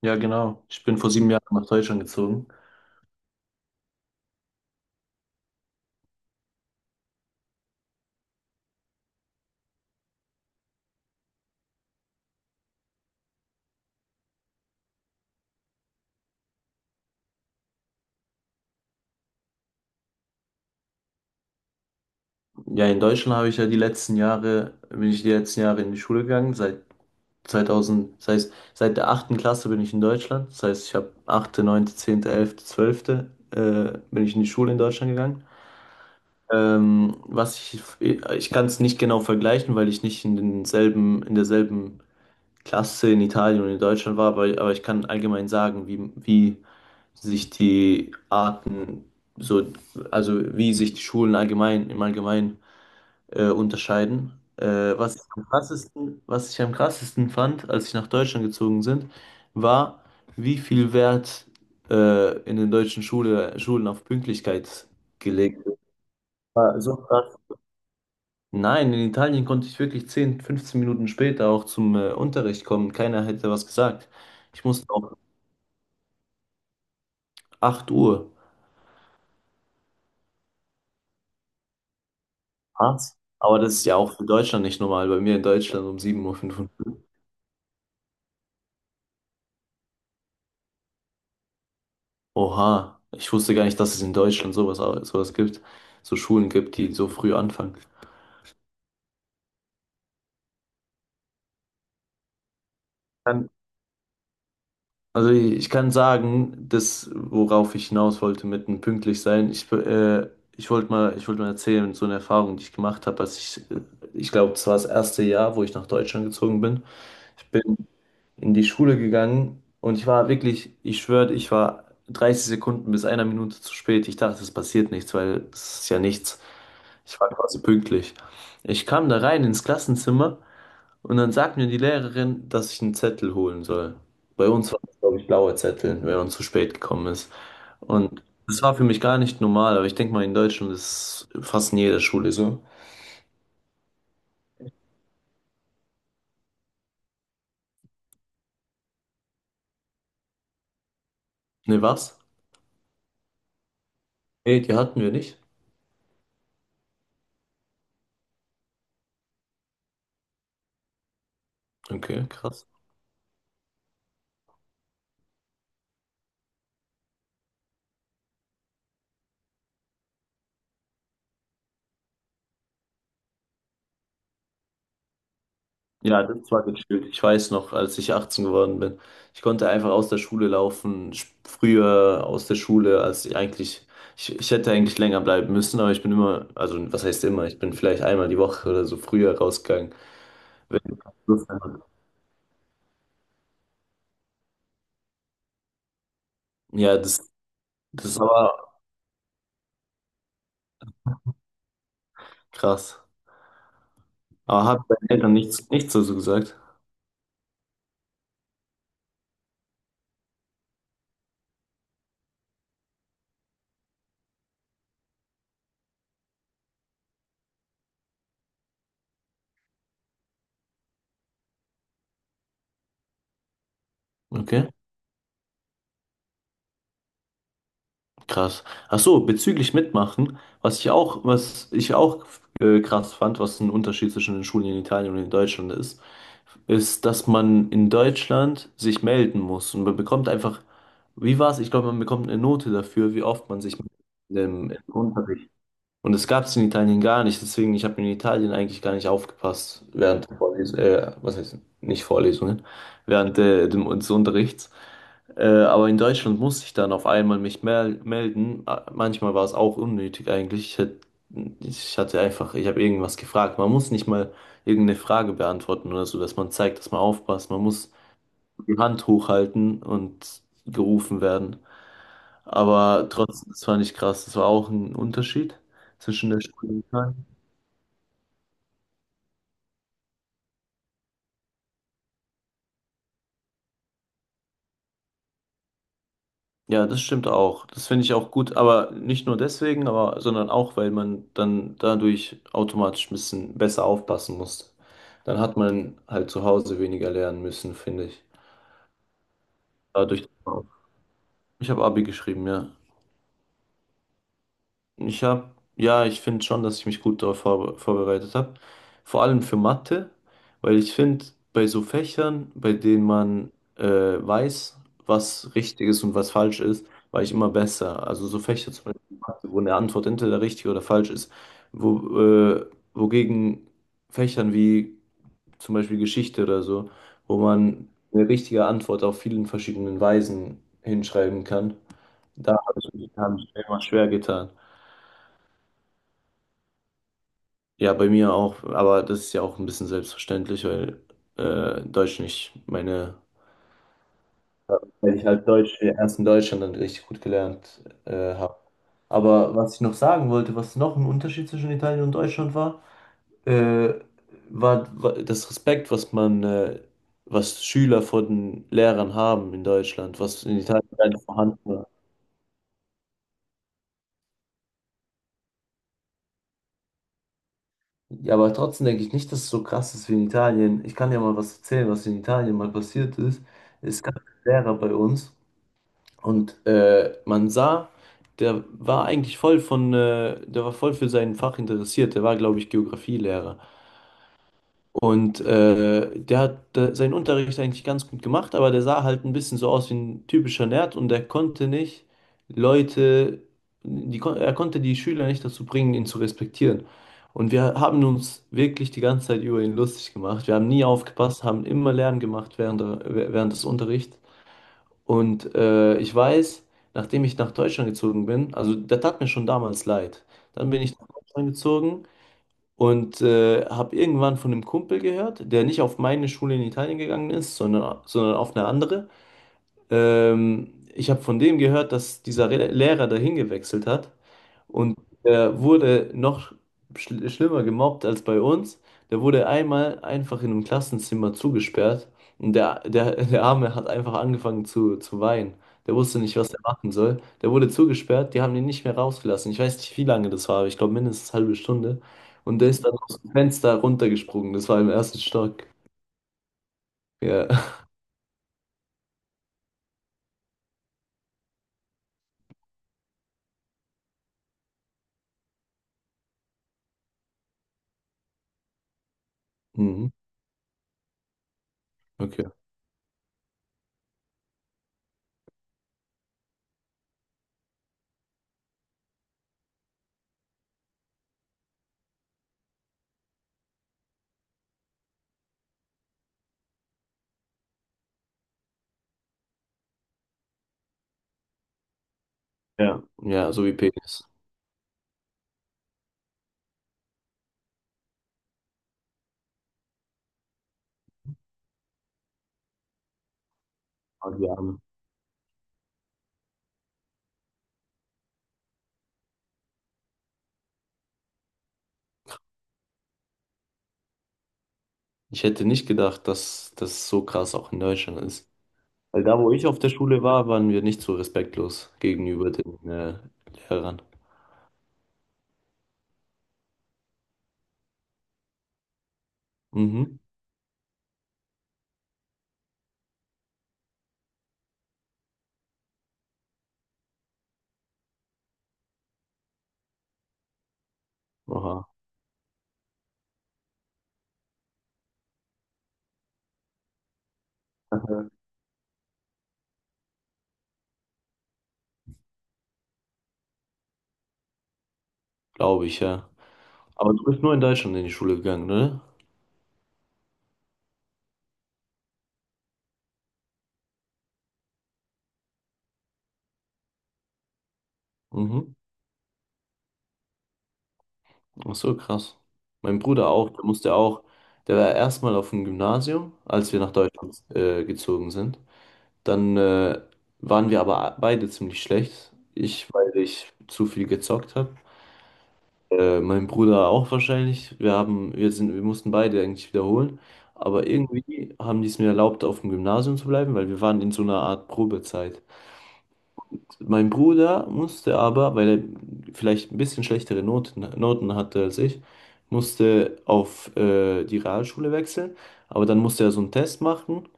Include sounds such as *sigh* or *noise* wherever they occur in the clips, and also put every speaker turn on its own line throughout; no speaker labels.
Ja, genau. Ich bin vor 7 Jahren nach Deutschland gezogen. Ja, in Deutschland habe ich ja die letzten Jahre, bin ich die letzten Jahre in die Schule gegangen. Seit 2000, das heißt, seit der achten Klasse bin ich in Deutschland. Das heißt, ich habe achte, neunte, 10., 11., 12., bin ich in die Schule in Deutschland gegangen. Ich kann es nicht genau vergleichen, weil ich nicht in denselben, in derselben Klasse in Italien und in Deutschland war, aber ich kann allgemein sagen, wie sich die Arten, so, also wie sich die Schulen allgemein, im Allgemeinen unterscheiden. Was ich am krassesten, was ich am krassesten fand, als ich nach Deutschland gezogen sind, war, wie viel Wert in den deutschen Schule, Schulen auf Pünktlichkeit gelegt wird. War so krass. Nein, in Italien konnte ich wirklich 10 15 Minuten später auch zum Unterricht kommen. Keiner hätte was gesagt. Ich musste auch 8 Uhr. Was? Aber das ist ja auch für Deutschland nicht normal. Bei mir in Deutschland um 7:55 Uhr. Oha, ich wusste gar nicht, dass es in Deutschland sowas, sowas gibt, so Schulen gibt, die so früh anfangen. Dann- Also ich kann sagen, das, worauf ich hinaus wollte mit dem pünktlich sein, ich wollte mal erzählen, so eine Erfahrung, die ich gemacht habe, ich glaube, das war das erste Jahr, wo ich nach Deutschland gezogen bin. Ich bin in die Schule gegangen und ich war wirklich, ich schwöre, ich war 30 Sekunden bis einer Minute zu spät. Ich dachte, es passiert nichts, weil es ist ja nichts. Ich war quasi pünktlich. Ich kam da rein ins Klassenzimmer und dann sagt mir die Lehrerin, dass ich einen Zettel holen soll. Bei uns war es, glaube ich, blauer Zettel, wenn man zu spät gekommen ist. Und das war für mich gar nicht normal, aber ich denke mal, in Deutschland ist es fast in jeder Schule so. Ne, was? Nee, die hatten wir nicht. Okay, krass. Ja, das war gechillt. Ich weiß noch, als ich 18 geworden bin. Ich konnte einfach aus der Schule laufen, früher aus der Schule, als ich eigentlich, ich hätte eigentlich länger bleiben müssen, aber ich bin immer, also was heißt immer, ich bin vielleicht einmal die Woche oder so früher rausgegangen, wenn ich Lust hatte. Ja, das war krass. Aber hat deinen Eltern nichts, nichts dazu gesagt? Okay. Krass. Ach so, bezüglich Mitmachen, was ich auch krass fand, was ein Unterschied zwischen den Schulen in Italien und in Deutschland ist, ist, dass man in Deutschland sich melden muss und man bekommt einfach, wie war's? Ich glaube, man bekommt eine Note dafür, wie oft man sich im, im Unterricht und das gab es in Italien gar nicht, deswegen ich habe in Italien eigentlich gar nicht aufgepasst während der Vorlesung, was heißt nicht Vorlesungen, während dem, des Unterrichts. Aber in Deutschland musste ich dann auf einmal mich melden. Manchmal war es auch unnötig eigentlich. Ich hatte einfach, ich habe irgendwas gefragt. Man muss nicht mal irgendeine Frage beantworten oder so, dass man zeigt, dass man aufpasst. Man muss die Hand hochhalten und gerufen werden. Aber trotzdem, das fand ich krass. Das war auch ein Unterschied zwischen der Schule. Ja, das stimmt auch. Das finde ich auch gut, aber nicht nur deswegen, aber sondern auch, weil man dann dadurch automatisch ein bisschen besser aufpassen muss. Dann hat man halt zu Hause weniger lernen müssen, finde ich. Dadurch, ich habe Abi geschrieben, ja. Ich habe, ja, ich finde schon, dass ich mich gut darauf vorbereitet habe. Vor allem für Mathe, weil ich finde, bei so Fächern, bei denen man weiß, was richtig ist und was falsch ist, war ich immer besser. Also so Fächer zum Beispiel, Mathe, wo eine Antwort entweder richtig oder falsch ist, wo, äh, wogegen Fächern wie zum Beispiel Geschichte oder so, wo man eine richtige Antwort auf vielen verschiedenen Weisen hinschreiben kann, da habe ich, hab ich mir immer schwer getan. Ja, bei mir auch, aber das ist ja auch ein bisschen selbstverständlich, weil Deutsch nicht meine, weil ich halt Deutsch erst in Deutschland dann richtig gut gelernt habe. Aber was ich noch sagen wollte, was noch ein Unterschied zwischen Italien und Deutschland war, äh, war das Respekt, was man, was Schüler vor den Lehrern haben in Deutschland, was in Italien gar nicht vorhanden war. Ja, aber trotzdem denke ich nicht, dass es so krass ist wie in Italien. Ich kann ja mal was erzählen, was in Italien mal passiert ist. Es gab einen Lehrer bei uns. Und man sah, der war eigentlich der war voll für sein Fach interessiert. Der war, glaube ich, Geografielehrer. Und der hat seinen Unterricht eigentlich ganz gut gemacht, aber der sah halt ein bisschen so aus wie ein typischer Nerd und der konnte nicht Leute, er konnte die Schüler nicht dazu bringen, ihn zu respektieren. Und wir haben uns wirklich die ganze Zeit über ihn lustig gemacht. Wir haben nie aufgepasst, haben immer Lärm gemacht während der, während des Unterrichts. Und ich weiß, nachdem ich nach Deutschland gezogen bin, also der tat mir schon damals leid. Dann bin ich nach Deutschland gezogen und habe irgendwann von einem Kumpel gehört, der nicht auf meine Schule in Italien gegangen ist, sondern auf eine andere. Ich habe von dem gehört, dass dieser Re Lehrer dahin gewechselt hat und der wurde noch schlimmer gemobbt als bei uns. Der wurde einmal einfach in einem Klassenzimmer zugesperrt und der Arme hat einfach angefangen zu weinen. Der wusste nicht, was er machen soll. Der wurde zugesperrt, die haben ihn nicht mehr rausgelassen. Ich weiß nicht, wie lange das war, aber ich glaube mindestens eine halbe Stunde. Und der ist dann aus dem Fenster runtergesprungen. Das war im ersten Stock. Ja. *laughs* Mhm. Okay. Ja. Ja, so wie Penis. Oh, die Arme. Ich hätte nicht gedacht, dass das so krass auch in Deutschland ist. Weil da, wo ich auf der Schule war, waren wir nicht so respektlos gegenüber den Lehrern. Mhm. Aha, glaube ich, ja. Aber du bist nur in Deutschland in die Schule gegangen, ne? Mhm. Ach so, krass. Mein Bruder auch, der musste auch, der war erstmal auf dem Gymnasium, als wir nach Deutschland gezogen sind. Dann waren wir aber beide ziemlich schlecht. Ich, weil ich zu viel gezockt habe. Mein Bruder auch wahrscheinlich. Wir haben, wir sind, wir mussten beide eigentlich wiederholen. Aber irgendwie haben die es mir erlaubt, auf dem Gymnasium zu bleiben, weil wir waren in so einer Art Probezeit. Mein Bruder musste aber, weil er vielleicht ein bisschen schlechtere Noten hatte als ich, musste auf die Realschule wechseln. Aber dann musste er so einen Test machen,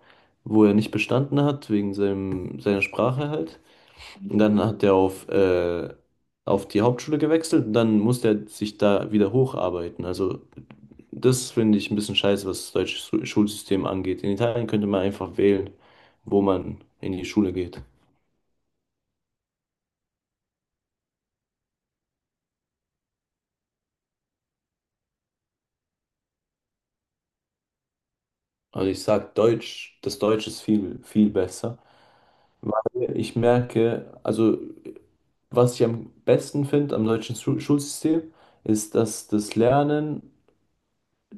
wo er nicht bestanden hat, wegen seinem, seiner Sprache halt. Und dann hat er auf, auf die Hauptschule gewechselt und dann musste er sich da wieder hocharbeiten. Also das finde ich ein bisschen scheiße, was das deutsche Schulsystem angeht. In Italien könnte man einfach wählen, wo man in die Schule geht. Also ich sag Deutsch, das Deutsch ist viel, viel besser, weil ich merke, also was ich am besten finde am deutschen Schulsystem, ist, dass das Lernen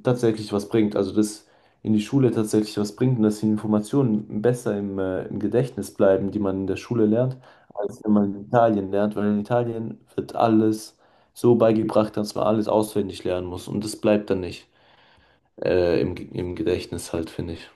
tatsächlich was bringt. Also dass in die Schule tatsächlich was bringt und dass die Informationen besser im Gedächtnis bleiben, die man in der Schule lernt, als wenn man in Italien lernt, weil in Italien wird alles so beigebracht, dass man alles auswendig lernen muss und das bleibt dann nicht im Gedächtnis halt, finde ich.